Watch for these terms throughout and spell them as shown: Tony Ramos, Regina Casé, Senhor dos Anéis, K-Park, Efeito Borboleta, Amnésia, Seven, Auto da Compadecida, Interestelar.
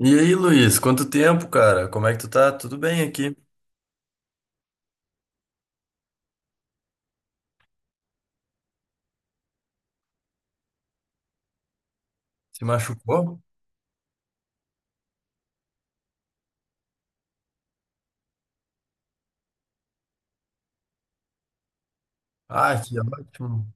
E aí, Luiz, quanto tempo, cara? Como é que tu tá? Tudo bem aqui? Se machucou? Ah, que ótimo.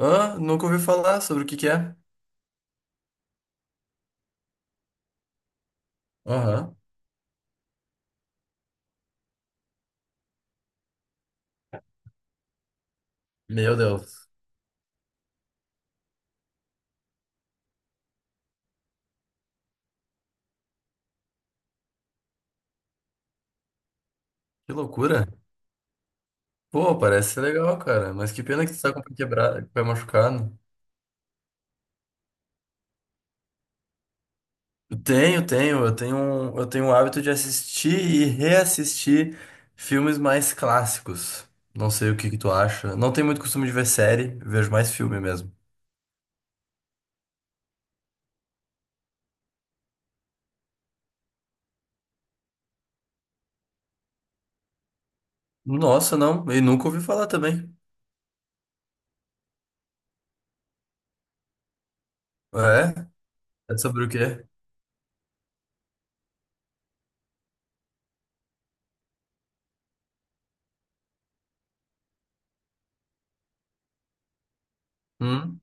Hã? Nunca ouvi falar sobre o que que é. Aham. Meu Deus, que loucura. Pô, parece ser legal, cara, mas que pena que tu tá com o pé quebrado, com o pé machucado. Eu tenho, tenho, eu tenho, um- eu tenho o hábito de assistir e reassistir filmes mais clássicos. Não sei o que que tu acha. Não tenho muito costume de ver série, vejo mais filme mesmo. Nossa, não, e nunca ouvi falar também. É? É sobre o quê? Hum,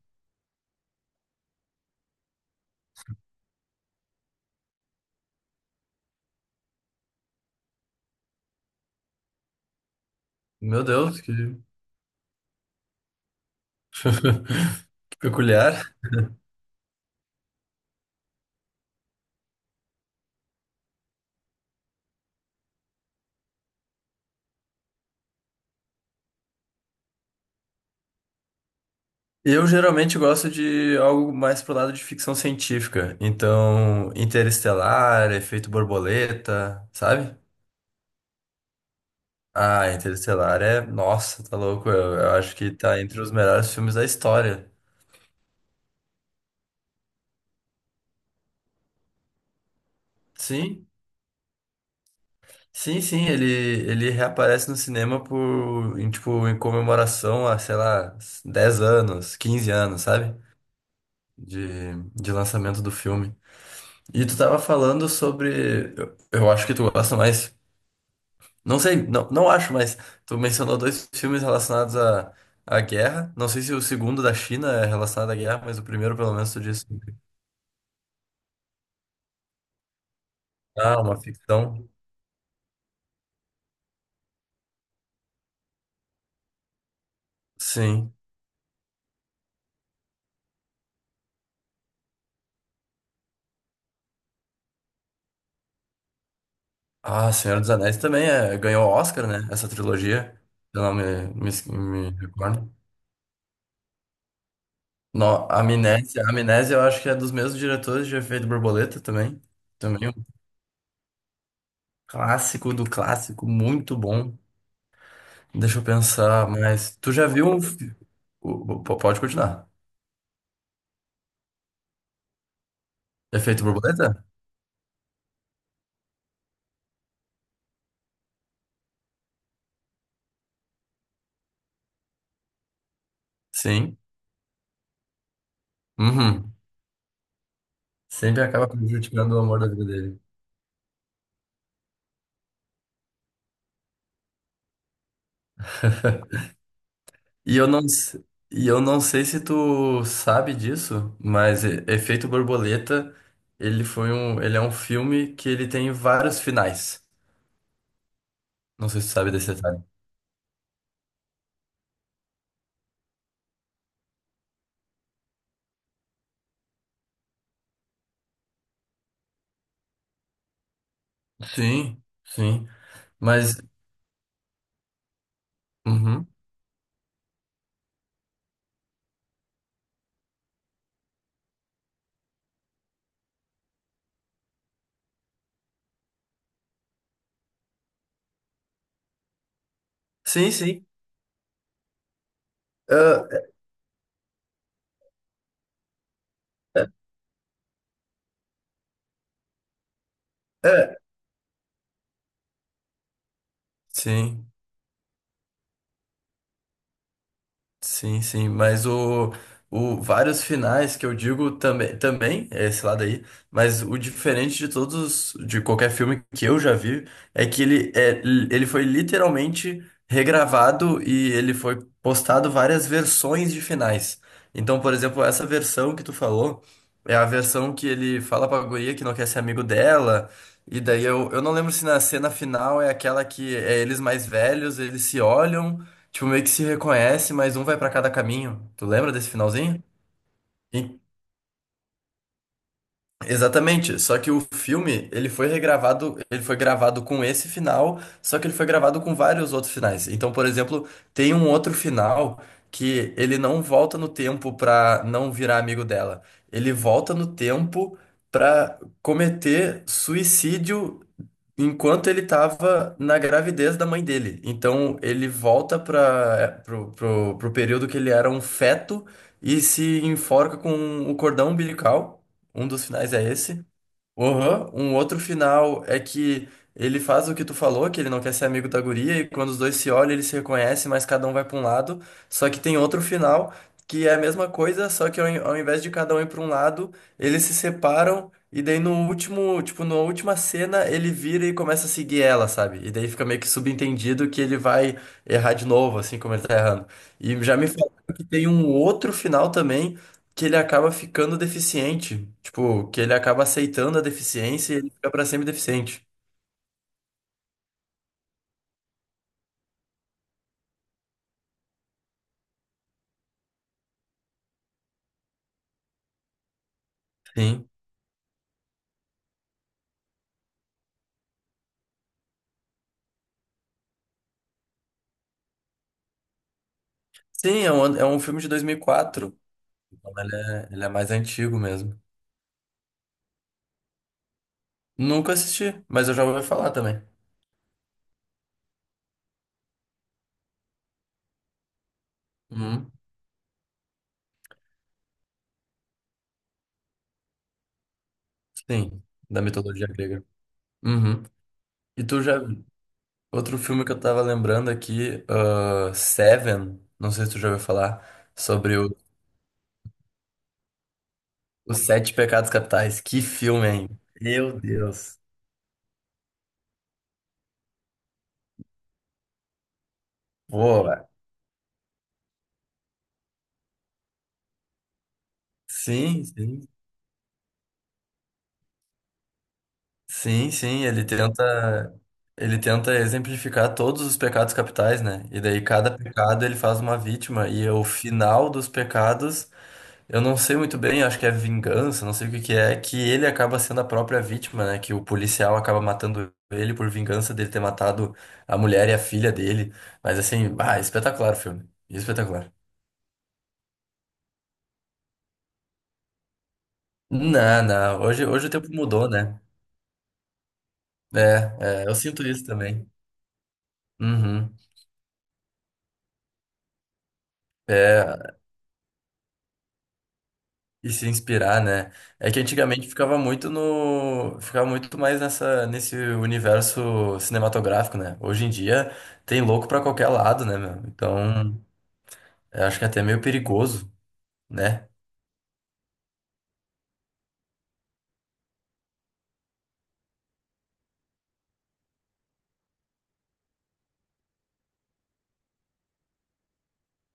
meu Deus, que, que peculiar. Eu geralmente gosto de algo mais pro lado de ficção científica. Então, Interestelar, Efeito Borboleta, sabe? Ah, Interestelar é. Nossa, tá louco. Eu acho que tá entre os melhores filmes da história. Sim, sim, sim. Ele reaparece no cinema por, em, tipo, em comemoração a, sei lá, 10 anos, 15 anos, sabe? De lançamento do filme. E tu tava falando sobre. Eu acho que tu gosta mais. Não sei, não, não acho, mas tu mencionou dois filmes relacionados à guerra. Não sei se o segundo da China é relacionado à guerra, mas o primeiro, pelo menos, tu disse. Ah, uma ficção. Sim. Ah, Senhor dos Anéis também é, ganhou Oscar, né? Essa trilogia. Eu não me recordo. No, Amnésia, Amnésia eu acho que é dos mesmos diretores de Efeito Borboleta também. Também um clássico do clássico, muito bom. Deixa eu pensar, mas tu já viu um. Pode continuar. Efeito borboleta? Sim. Uhum. Sempre acaba prejudicando o amor da vida dele. E eu não, s- e eu não sei se tu sabe disso, mas Efeito Borboleta, ele é um filme que ele tem vários finais. Não sei se tu sabe desse detalhe. Sim, sim. Mas, uhum. Sim, sim. Ah, é, é. Sim. Sim, sim, mas o vários finais que eu digo também é esse lado aí, mas o diferente de todos, de qualquer filme que eu já vi, é que ele, é, ele foi literalmente regravado e ele foi postado várias versões de finais. Então, por exemplo, essa versão que tu falou é a versão que ele fala pra guria que não quer ser amigo dela, e daí eu não lembro se na cena final é aquela que é eles mais velhos, eles se olham. Tipo, meio que se reconhece, mas um vai pra cada caminho. Tu lembra desse finalzinho? Exatamente, só que o filme, ele foi regravado, ele foi gravado com esse final, só que ele foi gravado com vários outros finais. Então, por exemplo, tem um outro final que ele não volta no tempo pra não virar amigo dela. Ele volta no tempo pra cometer suicídio enquanto ele tava na gravidez da mãe dele. Então, ele volta para pro período que ele era um feto e se enforca com o cordão umbilical. Um dos finais é esse. Uhum. Um outro final é que ele faz o que tu falou, que ele não quer ser amigo da guria, e quando os dois se olham, eles se reconhecem, mas cada um vai pra um lado. Só que tem outro final que é a mesma coisa, só que ao invés de cada um ir pra um lado, eles se separam, e daí no último, tipo, na última cena, ele vira e começa a seguir ela, sabe? E daí fica meio que subentendido que ele vai errar de novo, assim como ele tá errando. E já me falaram que tem um outro final também que ele acaba ficando deficiente. Tipo, que ele acaba aceitando a deficiência e ele fica pra sempre deficiente. Sim. Sim, é um filme de 2004. Então ele é mais antigo mesmo. Nunca assisti, mas eu já ouvi falar também. Uhum. Sim, da mitologia grega. Uhum. E tu já. Outro filme que eu tava lembrando aqui, ah, Seven, não sei se tu já ouviu falar, sobre o, os Sete Pecados Capitais. Que filme, hein? Meu Deus. Boa. Sim, sim. Sim, sim, ele tenta exemplificar todos os pecados capitais, né? E daí cada pecado ele faz uma vítima e o final dos pecados, eu não sei muito bem, acho que é vingança, não sei o que que é, que ele acaba sendo a própria vítima, né? Que o policial acaba matando ele por vingança dele ter matado a mulher e a filha dele. Mas assim, ah, espetacular o filme. Espetacular. Não, não, hoje, hoje o tempo mudou, né? É, é, eu sinto isso também. Uhum. É, e se inspirar, né? É que antigamente ficava muito no, ficava muito mais nessa nesse universo cinematográfico, né? Hoje em dia tem louco pra qualquer lado, né, meu? Então, eu acho que é até meio perigoso, né?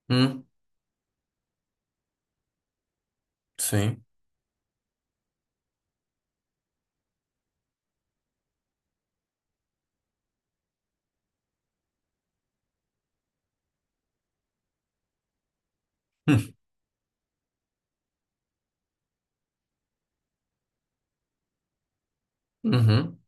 Hum, sim. Hum,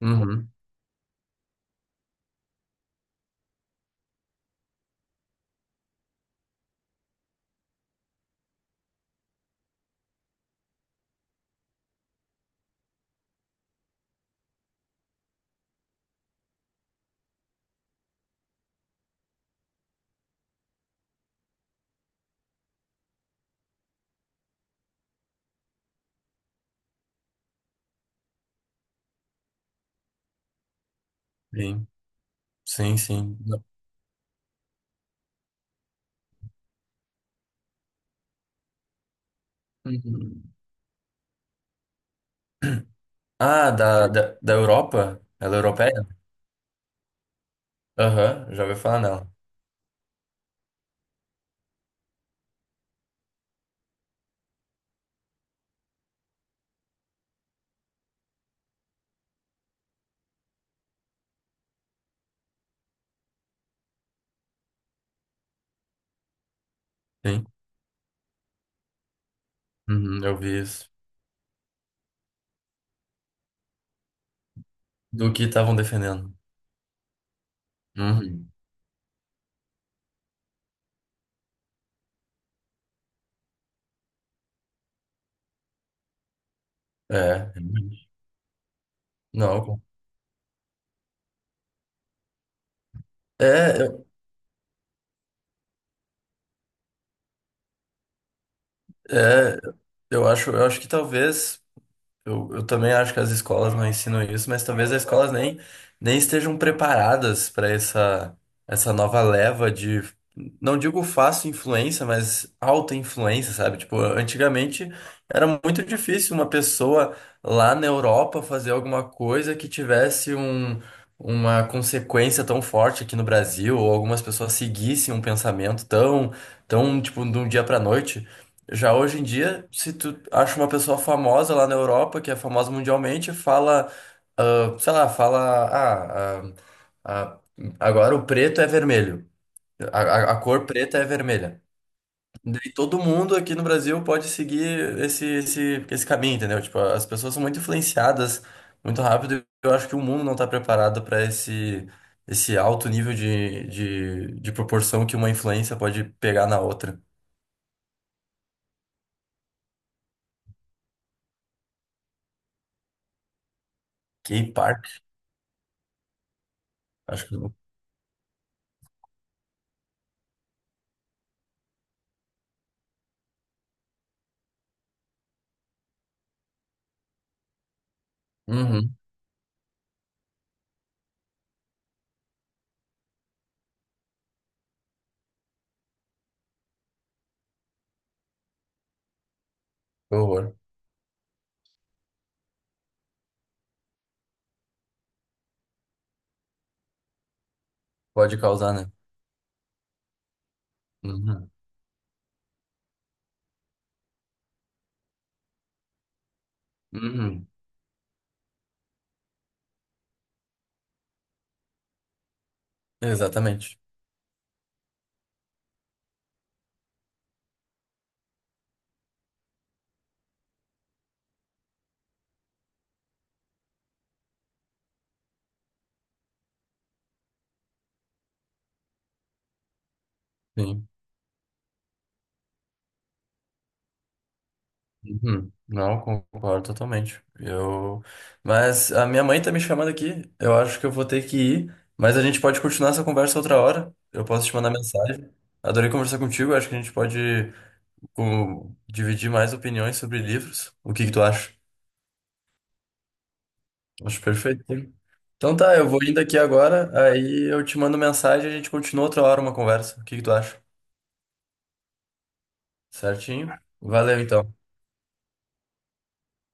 uhum, uhum. Sim, sim, sim. Não. Uhum. Ah, da Europa? Ela é europeia? Aham, já ouvi falar nela. Sim. Uhum, eu vi isso. Do que estavam defendendo. Uhum. É. Não. É, é, eu acho que talvez, eu também acho que as escolas não ensinam isso, mas talvez as escolas nem, estejam preparadas para essa nova leva de, não digo fácil influência, mas alta influência, sabe? Tipo, antigamente era muito difícil uma pessoa lá na Europa fazer alguma coisa que tivesse um, uma consequência tão forte aqui no Brasil, ou algumas pessoas seguissem um pensamento tão, tipo, de um dia para noite. Já hoje em dia, se tu acha uma pessoa famosa lá na Europa, que é famosa mundialmente, fala, ah, sei lá, fala, ah, ah, ah, agora o preto é vermelho, a cor preta é vermelha. Daí todo mundo aqui no Brasil pode seguir esse caminho, entendeu? Tipo, as pessoas são muito influenciadas muito rápido e eu acho que o mundo não está preparado para esse alto nível de proporção que uma influência pode pegar na outra. K-Park, acho que. Uhum. Que horror. Pode causar, né? Uhum. Uhum. Exatamente. Sim. Uhum. Não, concordo totalmente. Eu. Mas a minha mãe tá me chamando aqui. Eu acho que eu vou ter que ir. Mas a gente pode continuar essa conversa outra hora. Eu posso te mandar mensagem. Adorei conversar contigo. Acho que a gente pode dividir mais opiniões sobre livros. O que que tu acha? Acho perfeito. Sim. Então tá, eu vou indo aqui agora. Aí eu te mando mensagem e a gente continua outra hora uma conversa. O que que tu acha? Certinho? Valeu então.